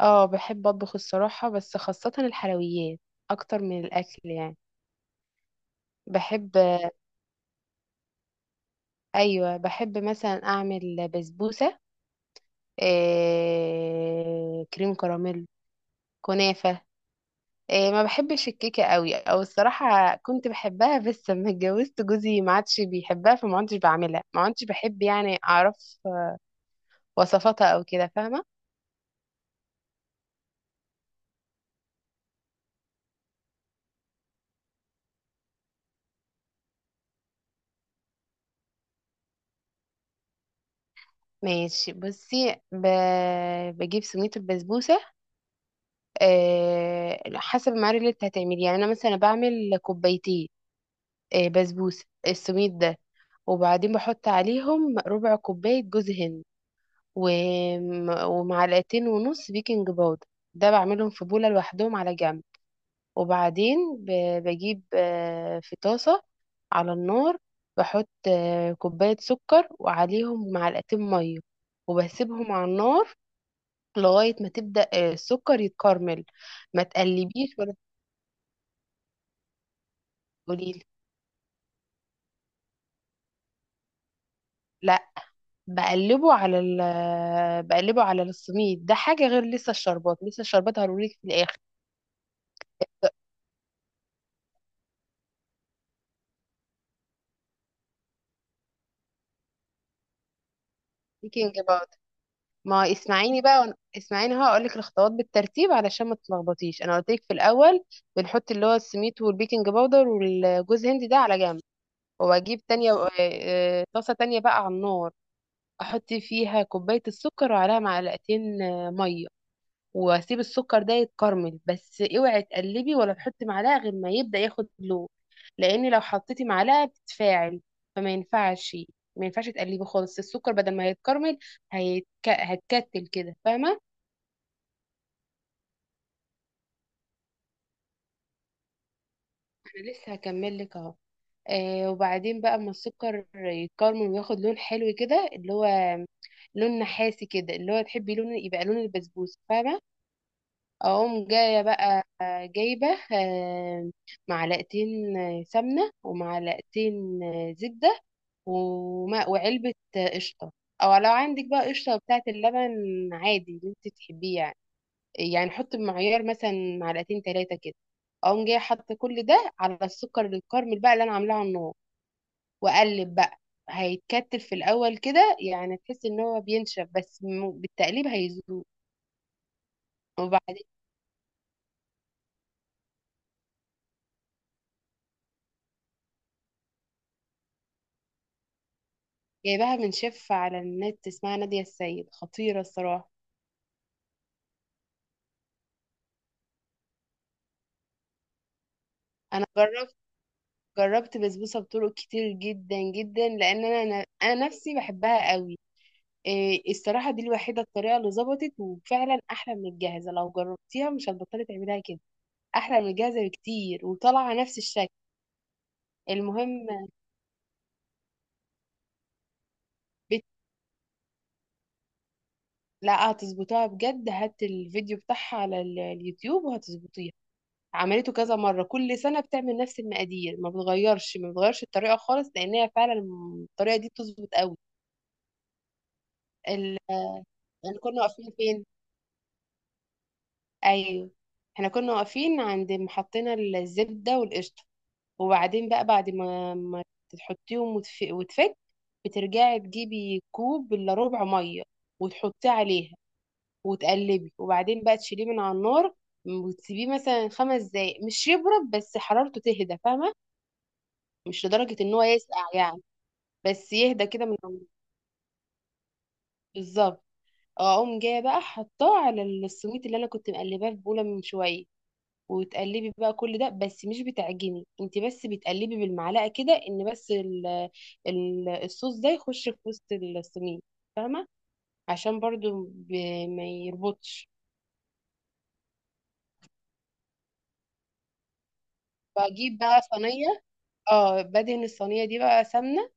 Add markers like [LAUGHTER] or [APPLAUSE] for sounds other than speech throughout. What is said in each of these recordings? اه، بحب اطبخ الصراحة، بس خاصة الحلويات اكتر من الاكل، يعني. بحب ايوه، بحب مثلا اعمل بسبوسة، كريم كراميل، كنافة. ما بحبش الكيكة قوي، او الصراحة كنت بحبها، بس لما اتجوزت جوزي ما عادش بيحبها، فما عادش بعملها، ما عادش بحب يعني اعرف وصفاتها او كده، فاهمة؟ ماشي، بصي، بجيب سميد البسبوسة. حسب المعادن اللي انت هتعملي، يعني انا مثلا بعمل كوبايتين بسبوسه، السميد ده. وبعدين بحط عليهم ربع كوبايه جوز هند، ومعلقتين ونص بيكنج باودر. ده بعملهم في بوله لوحدهم على جنب. وبعدين بجيب في طاسه على النار، بحط كوبايه سكر وعليهم معلقتين ميه، وبسيبهم على النار لغايه ما تبدا السكر يتكرمل. ما تقلبيش ولا تقولي، لا. بقلبه على ال بقلبه على السميد، ده حاجة غير، لسه الشربات هقولك في الآخر. بيكنج باودر. ما اسمعيني بقى، اسمعيني هقولك الخطوات بالترتيب علشان ما تتلخبطيش، انا قلت لك في الاول بنحط اللي هو السميد والبيكنج باودر والجوز هند ده على جنب. واجيب تانية، طاسة تانية بقى على النار، احط فيها كوباية السكر وعليها معلقتين مية، واسيب السكر ده يتكرمل. بس اوعي تقلبي ولا تحطي معلقه غير ما يبدا ياخد لون، لان لو حطيتي معلقه بتتفاعل، فما ينفعش، ما ينفعش تقلبي خالص السكر، بدل ما هيتكرمل هتكتل كده، فاهمه؟ انا لسه هكمل لك اهو. وبعدين بقى اما السكر يتكرمل وياخد لون حلو كده، اللي هو لون نحاسي كده، اللي هو تحبي لون يبقى لون البسبوسه، فاهمه؟ اقوم جايه بقى، جايبه آه، معلقتين سمنه ومعلقتين زبده وماء وعلبه قشطه، او لو عندك بقى قشطه بتاعه اللبن عادي، اللي انت تحبيه، يعني. يعني حط بمعيار مثلا معلقتين ثلاثه كده. اقوم جايه حاطه كل ده على السكر الكارمل بقى اللي انا عاملاه على النار، واقلب بقى. هيتكتل في الاول كده، يعني تحس ان هو بينشف، بس بالتقليب هيذوب. وبعدين، جايباها من شيف على النت اسمها نادية السيد، خطيرة الصراحة. انا جربت بسبوسة بطرق كتير جدا جدا، لان انا نفسي بحبها قوي. الصراحة دي الوحيدة الطريقة اللي ظبطت، وفعلا احلى من الجاهزة. لو جربتيها مش هتبطلي تعمليها كده، احلى من الجاهزة بكتير، وطالعة نفس الشكل. المهم، بت... لا، هتظبطها بجد. هات الفيديو بتاعها على اليوتيوب وهتظبطيها. عملته كذا مرة، كل سنة بتعمل نفس المقادير، ما بتغيرش، ما بتغيرش الطريقة خالص، لأن هي فعلا الطريقة دي بتظبط قوي. ال... يعني كنا واقفين فين؟ أيوه، احنا كنا واقفين عند محطينا الزبدة والقشطة، وبعدين بقى بعد ما تحطيهم وتفك، بترجعي تجيبي كوب إلا ربع مية وتحطيه عليها، وتقلبي، وبعدين بقى تشيليه من على النار، وتسيبيه مثلا خمس دقايق، مش يبرد بس حرارته تهدى، فاهمة؟ مش لدرجة ان هو يسقع، يعني. بس يهدى كده من، بالظبط. اقوم جايه بقى حطاه على السويت اللي انا كنت مقلباه في بوله من شويه، وتقلبي بقى كل ده، بس مش بتعجني انت، بس بتقلبي بالمعلقه كده، ان بس ال الصوص ده يخش في وسط السميد، فاهمه؟ عشان برضو ما يربطش. بجيب بقى صينيه، اه بدهن الصينيه دي بقى سمنه،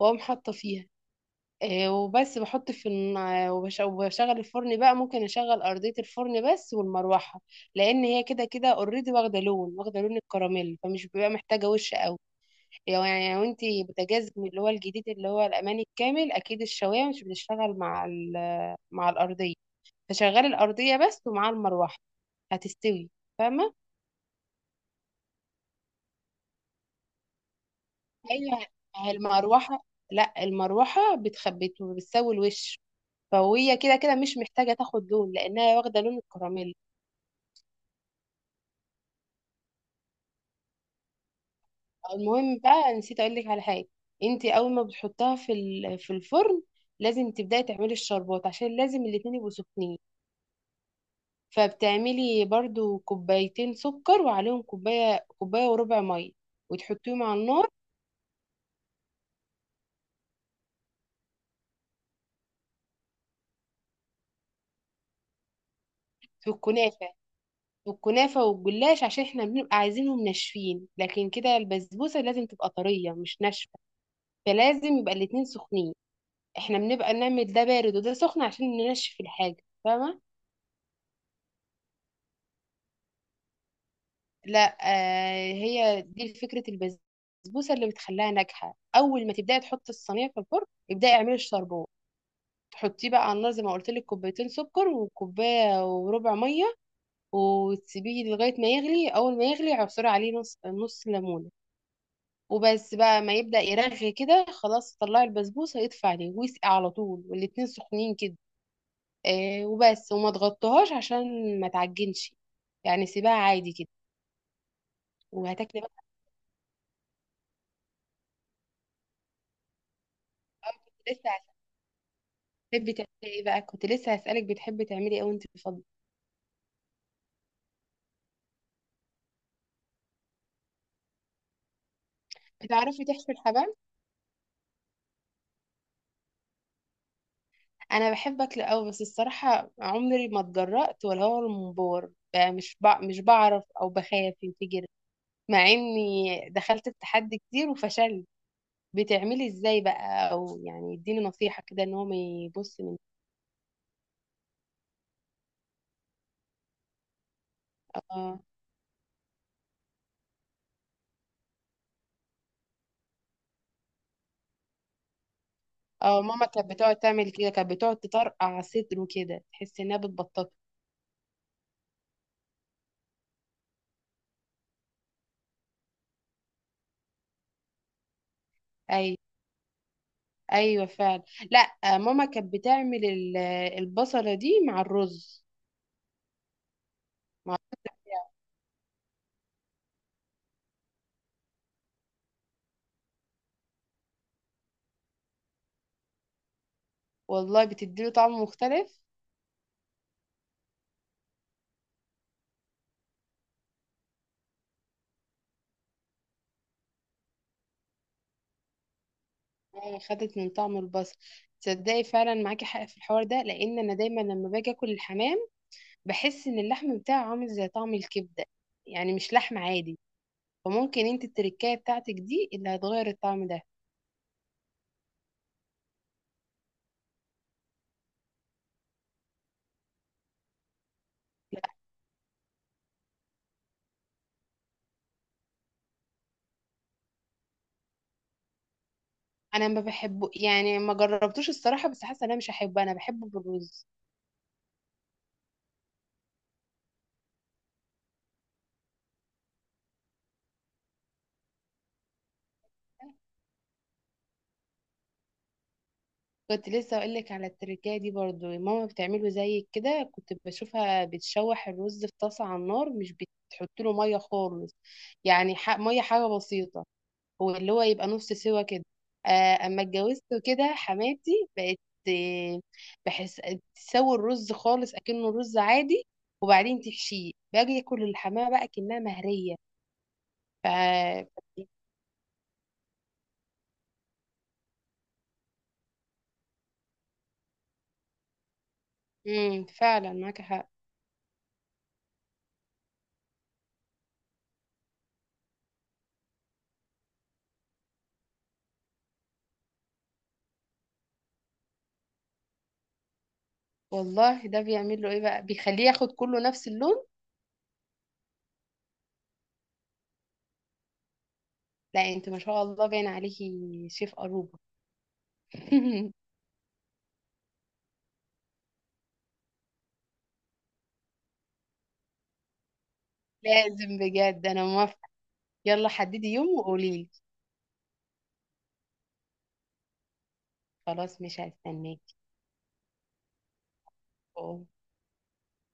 واقوم حاطه فيها. وبس، بحط في الن- وبش- وبشغل الفرن بقى، ممكن اشغل ارضية الفرن بس والمروحة، لان هي كده كده اوريدي واخدة لون، واخدة لون الكراميل، فمش بيبقى محتاجة وش قوي. لو يعني، يعني لو انت بوتاجاز من اللي هو الجديد اللي هو الاماني الكامل، اكيد الشواية مش بتشتغل مع مع الارضية، فشغلي الارضية بس ومع المروحة، هتستوي، فاهمة؟ هي هي المروحة. لا، المروحة بتخبط وبتسوي الوش، فهي كده كده مش محتاجة تاخد لون، لأنها واخدة لون الكراميل. المهم بقى، نسيت اقول لك على حاجه. انت اول ما بتحطها في في الفرن، لازم تبداي تعملي الشربات، عشان لازم الاتنين يبقوا سخنين. فبتعملي برضو كوبايتين سكر، وعليهم كوبايه وربع ميه، وتحطيهم على النار. في الكنافه والكنافه والجلاش عشان احنا بنبقى عايزينهم ناشفين، لكن كده البسبوسه لازم تبقى طريه مش ناشفه، فلازم يبقى الاتنين سخنين. احنا بنبقى نعمل ده بارد وده سخن عشان ننشف الحاجه، فاهمه؟ لا، هي دي فكرة البسبوسة اللي بتخليها ناجحة. أول ما تبدأي تحطي الصينية في الفرن، ابدأي اعملي الشربات، تحطيه بقى على النار زي ما قلت لك، كوبايتين سكر وكوباية وربع مية، وتسيبيه لغاية ما يغلي. أول ما يغلي عصري عليه نص ليمونة، وبس بقى ما يبدأ يرغي كده، خلاص طلعي البسبوسة، اطفي عليه ويسقي على طول والاتنين سخنين كده. وبس، وما تغطيهاش عشان ما تعجنش، يعني سيبها عادي كده. وهتاكلي بقى، لسه بتحبي تعملي ايه بقى؟ كنت لسه هسألك، بتحبي تعملي ايه وانت فاضية؟ بتعرفي تحشي الحبام؟ انا بحب اكل قوي، بس الصراحة عمري ما اتجرأت، ولا هو المنبار بقى، مش بعرف، او بخاف ينفجر، مع اني دخلت التحدي كتير وفشلت. بتعملي ازاي بقى؟ او يعني اديني نصيحة كده ان هو ما يبص من. اه، اه، ماما كانت بتقعد تعمل كده، كانت بتقعد تطرقع صدره كده، تحس انها بتبططه. اي، ايوه، فعلا. لا، ماما كانت بتعمل البصله دي مع الرز، مع الرز بتاعه. والله بتديله طعم مختلف. ماما خدت من طعم البصل. تصدقي فعلا معاكي حق في الحوار ده، لان انا دايما لما باجي اكل الحمام بحس ان اللحم بتاعه عامل زي طعم الكبده، يعني مش لحم عادي، فممكن انت التركايه بتاعتك دي اللي هتغير الطعم ده. لا، انا ما بحبه، يعني ما جربتوش الصراحه، بس حاسه إن انا مش هحبه. انا بحبه بالرز. كنت لسه اقول لك على التركية دي، برضو ماما بتعمله زي كده، كنت بشوفها بتشوح الرز في طاسة على النار، مش بتحط له مية خالص، يعني مية حاجة بسيطة، هو اللي هو يبقى نص سوا كده. اما اتجوزت، كده حماتي بقت آه، بحس تسوي الرز خالص اكنه رز عادي، وبعدين تحشيه. باجي اكل الحماه بقى كأنها مهرية، ف... فعلا معاك حق. والله ده بيعمل له ايه بقى؟ بيخليه ياخد كله نفس اللون. لا، انت ما شاء الله، باين عليكي شيف أروبا. [LAUGHS] لازم، بجد انا موافقة. يلا حددي يوم وقولي لي. خلاص مش هستناكي.